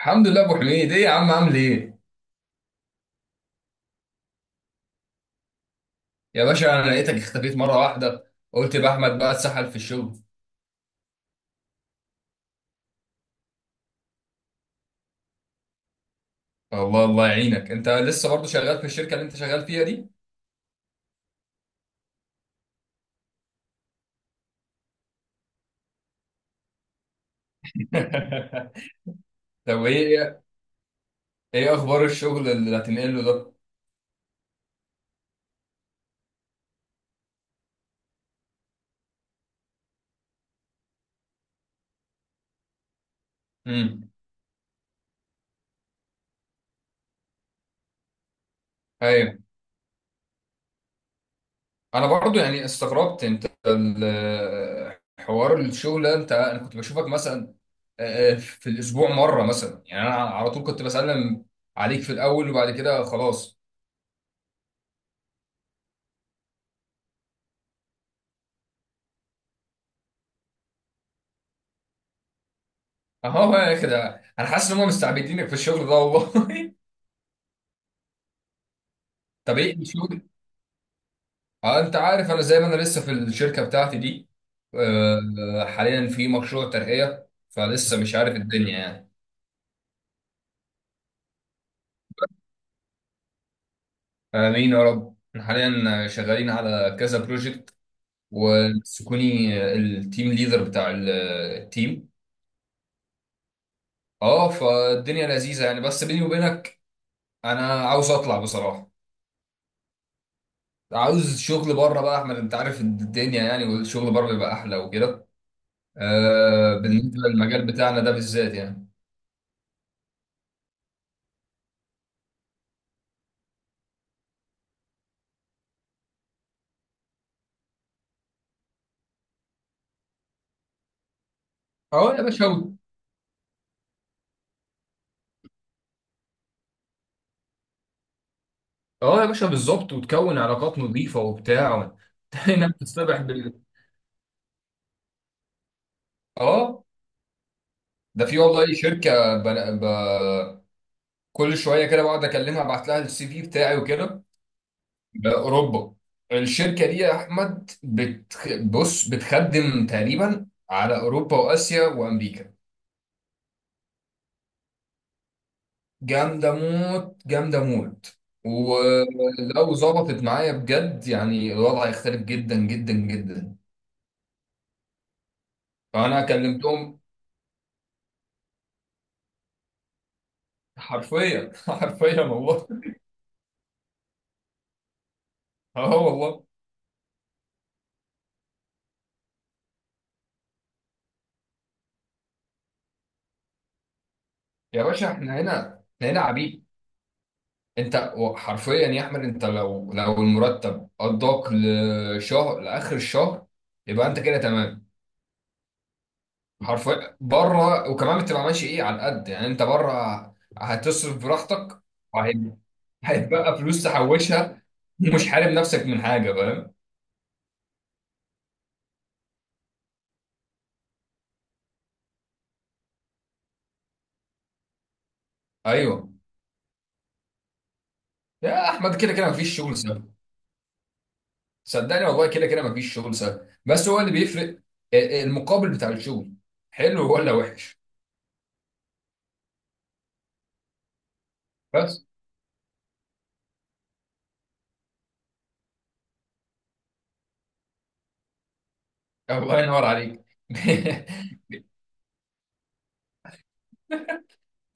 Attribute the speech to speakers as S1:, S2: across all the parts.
S1: الحمد لله، ابو حميد. ايه يا عم، عامل ايه؟ يا باشا، انا لقيتك اختفيت مره واحده، قلت يبقى احمد بقى اتسحل في الشغل. الله الله يعينك. انت لسه برضه شغال في الشركه اللي انت شغال فيها دي؟ طب ايه ايه إيه اخبار الشغل اللي هتنقله ده؟ امم. ايوه. انا برضه يعني استغربت انت حوار الشغل ده، انا كنت بشوفك مثلا، في الاسبوع مره مثلا يعني. انا على طول كنت بسلم عليك في الاول وبعد كده خلاص. اهو بقى كده، انا حاسس ان هم مستعبدينك في الشغل ده والله. طب ايه الشغل؟ اه، انت عارف، انا زي ما انا لسه في الشركه بتاعتي دي. حاليا في مشروع ترقيه فلسه، مش عارف الدنيا يعني. امين يا رب. احنا حاليا شغالين على كذا بروجكت، وسكوني التيم ليدر بتاع التيم. اه، فالدنيا لذيذه يعني، بس بيني وبينك انا عاوز اطلع بصراحه. عاوز شغل بره بقى احمد، انت عارف الدنيا يعني، والشغل بره بيبقى احلى وكده. بالنسبه للمجال بتاعنا ده بالذات يعني. اه يا باشا، اه يا باشا بالظبط، وتكون علاقات نظيفه وبتاع هنا بتصطبح اه، ده في والله شركه كل شويه كده بقعد اكلمها، ابعت لها السي في بتاعي وكده، باوروبا. الشركه دي يا احمد بص بتخدم تقريبا على اوروبا واسيا وامريكا. جامدة موت جامدة موت. ولو ظبطت معايا بجد، يعني الوضع هيختلف جدا جدا جدا. فأنا كلمتهم. حرفيا حرفيا والله. اه والله. يا باشا احنا هنا عبيد. انت حرفيا يا احمد، انت لو المرتب قضاك لشهر لاخر الشهر يبقى انت كده تمام. حرفيا، بره وكمان بتبقى ماشي ايه على قد يعني. انت بره هتصرف براحتك، هيتبقى فلوس تحوشها ومش حارم نفسك من حاجه، فاهم؟ ايوه. يا احمد كده كده مفيش شغل سهل. صدقني والله كده كده مفيش شغل سهل، بس هو اللي بيفرق المقابل بتاع الشغل، حلو ولا وحش. بس. الله ينور عليك.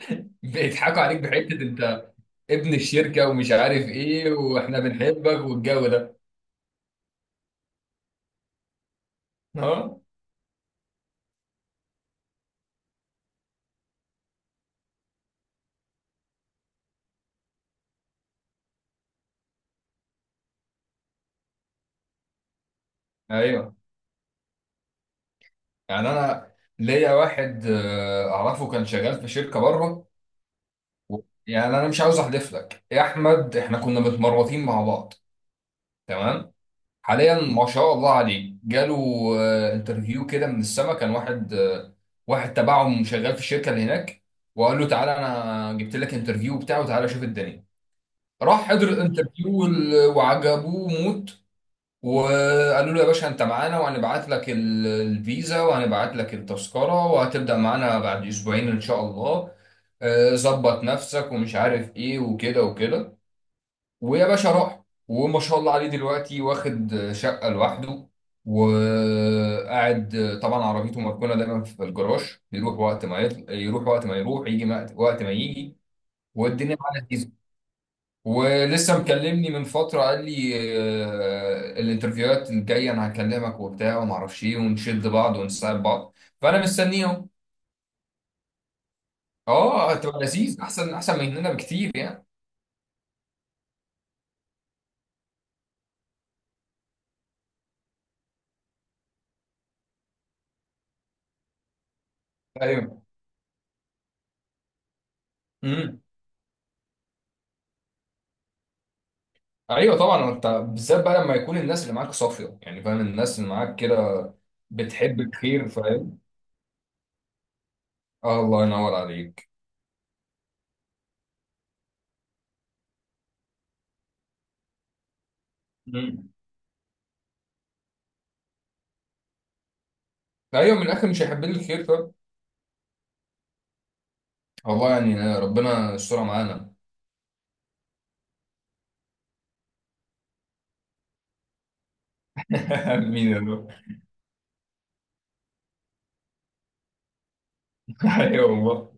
S1: بيضحكوا عليك بحته انت، ابن الشركه ومش عارف ايه، واحنا بنحبك والجو ده. اه. ايوه يعني. انا ليا واحد اعرفه كان شغال في شركه بره. يعني انا مش عاوز احلف لك يا احمد، احنا كنا متمرطين مع بعض تمام. حاليا ما شاء الله عليه، جاله انترفيو كده من السما. كان واحد واحد تبعهم شغال في الشركه اللي هناك، وقال له تعالى انا جبت لك انترفيو بتاعه، تعالى شوف الدنيا. راح حضر الانترفيو وعجبوه موت، وقالوا له يا باشا انت معانا، وهنبعت لك الفيزا وهنبعت لك التذكره، وهتبدا معانا بعد اسبوعين ان شاء الله. ظبط نفسك ومش عارف ايه وكده وكده. ويا باشا راح، وما شاء الله عليه دلوقتي واخد شقه لوحده، وقاعد طبعا عربيته مركونه دايما في الجراج، يروح وقت ما يروح يجي، وقت ما يجي. والدنيا معاه. ولسه مكلمني من فترة قال لي الانترفيوهات الجاية أنا هكلمك وبتاع وما أعرفش إيه، ونشد بعض ونساعد بعض، فأنا مستنيهم. أه، هتبقى لذيذ، أحسن أحسن من هنا بكتير يعني. أيوه. امم. أيوه طبعا، أنت بالذات بقى لما يكون الناس اللي معاك صافية يعني، فاهم، الناس اللي معاك كده بتحب الخير، فاهم. آه الله ينور عليك. امم. أيوه، من الآخر مش هيحب لي الخير، فاهم. والله يعني، ربنا يسترها معانا. مين يا رب. أيوه والله.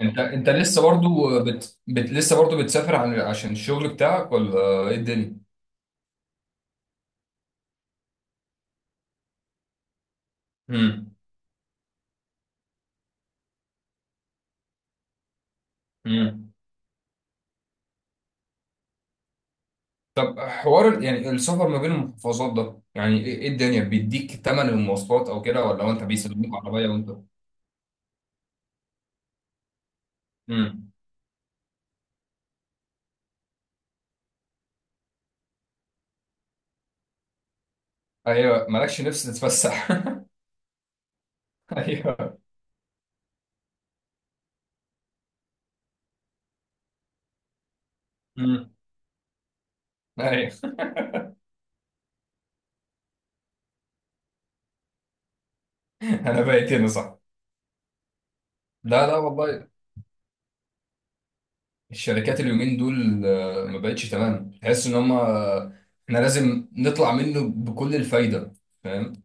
S1: انت لسه برضو لسه برضو بتسافر عشان الشغل بتاعك، ولا ايه الدنيا؟ امم. امم. طب حوار يعني السفر ما بين المحافظات ده، يعني إيه الدنيا، بيديك تمن المواصلات او كده، ولا هو انت بيسلموك عربية وانت. امم. ايوه، مالكش نفس تتفسح. ايوه. امم. ايوه انا بقيت هنا صح. لا لا والله. الشركات اليومين دول ما بقتش تمام، تحس ان هم احنا لازم نطلع منه بكل الفايدة، فاهم.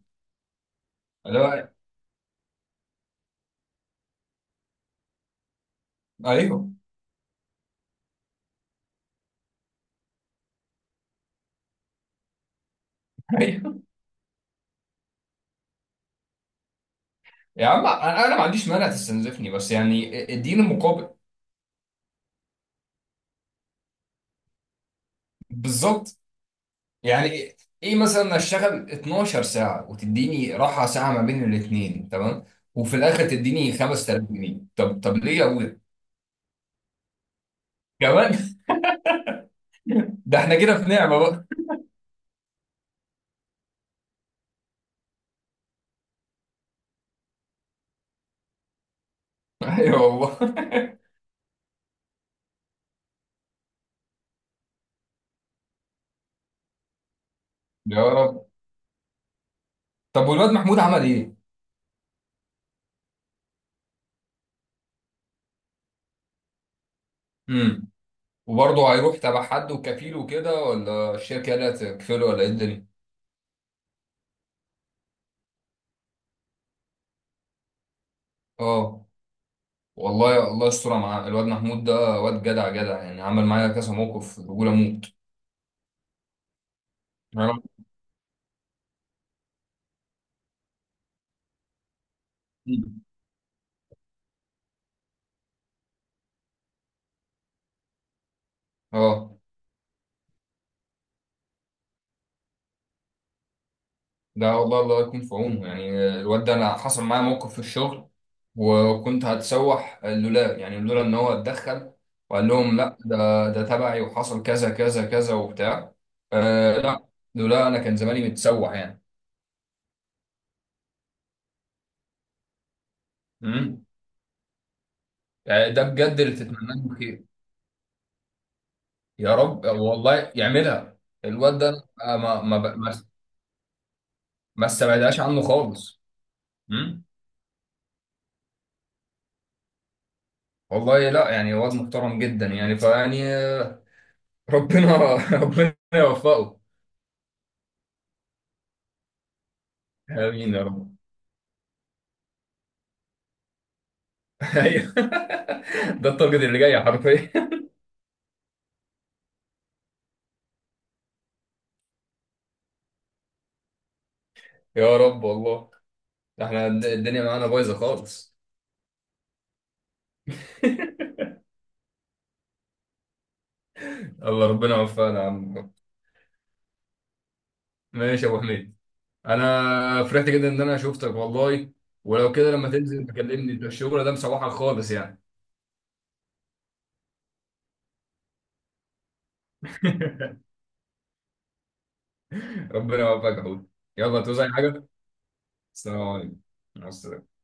S1: لا. ايوه ايوه. يا عم انا، ما عنديش مانع تستنزفني، بس يعني اديني مقابل. بالظبط. يعني ايه، إيه مثلا اشتغل 12 ساعه وتديني راحه ساعه ما بين الاثنين تمام، وفي الاخر تديني 5000 جنيه؟ طب ليه يا ولد؟ كمان ده احنا كده في نعمه بقى. ايوه والله. يا رب. طب والواد محمود عمل ايه؟ امم. وبرضه هيروح تبع حد وكفيل وكده، ولا الشركه اللي هتكفله، ولا ايه الدنيا؟ اه والله، الله يستر مع الواد محمود ده. واد جدع جدع، يعني عمل معايا كذا موقف بقول اموت. أنا- اه ده والله الله يكون في عونه يعني. الواد ده انا حصل معايا موقف في الشغل، وكنت هتسوح لولا، لولا ان هو اتدخل وقال لهم لا، ده ده تبعي، وحصل كذا كذا كذا وبتاع. آه. لا، لولا انا كان زماني متسوح يعني. امم. يعني ده بجد اللي تتمناه له خير. يا رب والله يعملها. الواد ده أنا ما ما ب... ما ما استبعدهاش عنه خالص. امم. والله لا، يعني واد محترم جدا يعني فيعني. ربنا ربنا يوفقه. امين يا رب. ايوه ده التارجت اللي جاي حرفيا. يا رب والله. احنا الدنيا معانا بايظه خالص. الله ربنا يوفقنا يا عم. ماشي يا ابو حميد. انا فرحت جدا ان انا شفتك والله. ولو كده لما تنزل تكلمني، ده الشغل ده مسوحك خالص يعني. ربنا يوفقك يا حوت. يلا توزع حاجه. السلام عليكم. مع السلامه.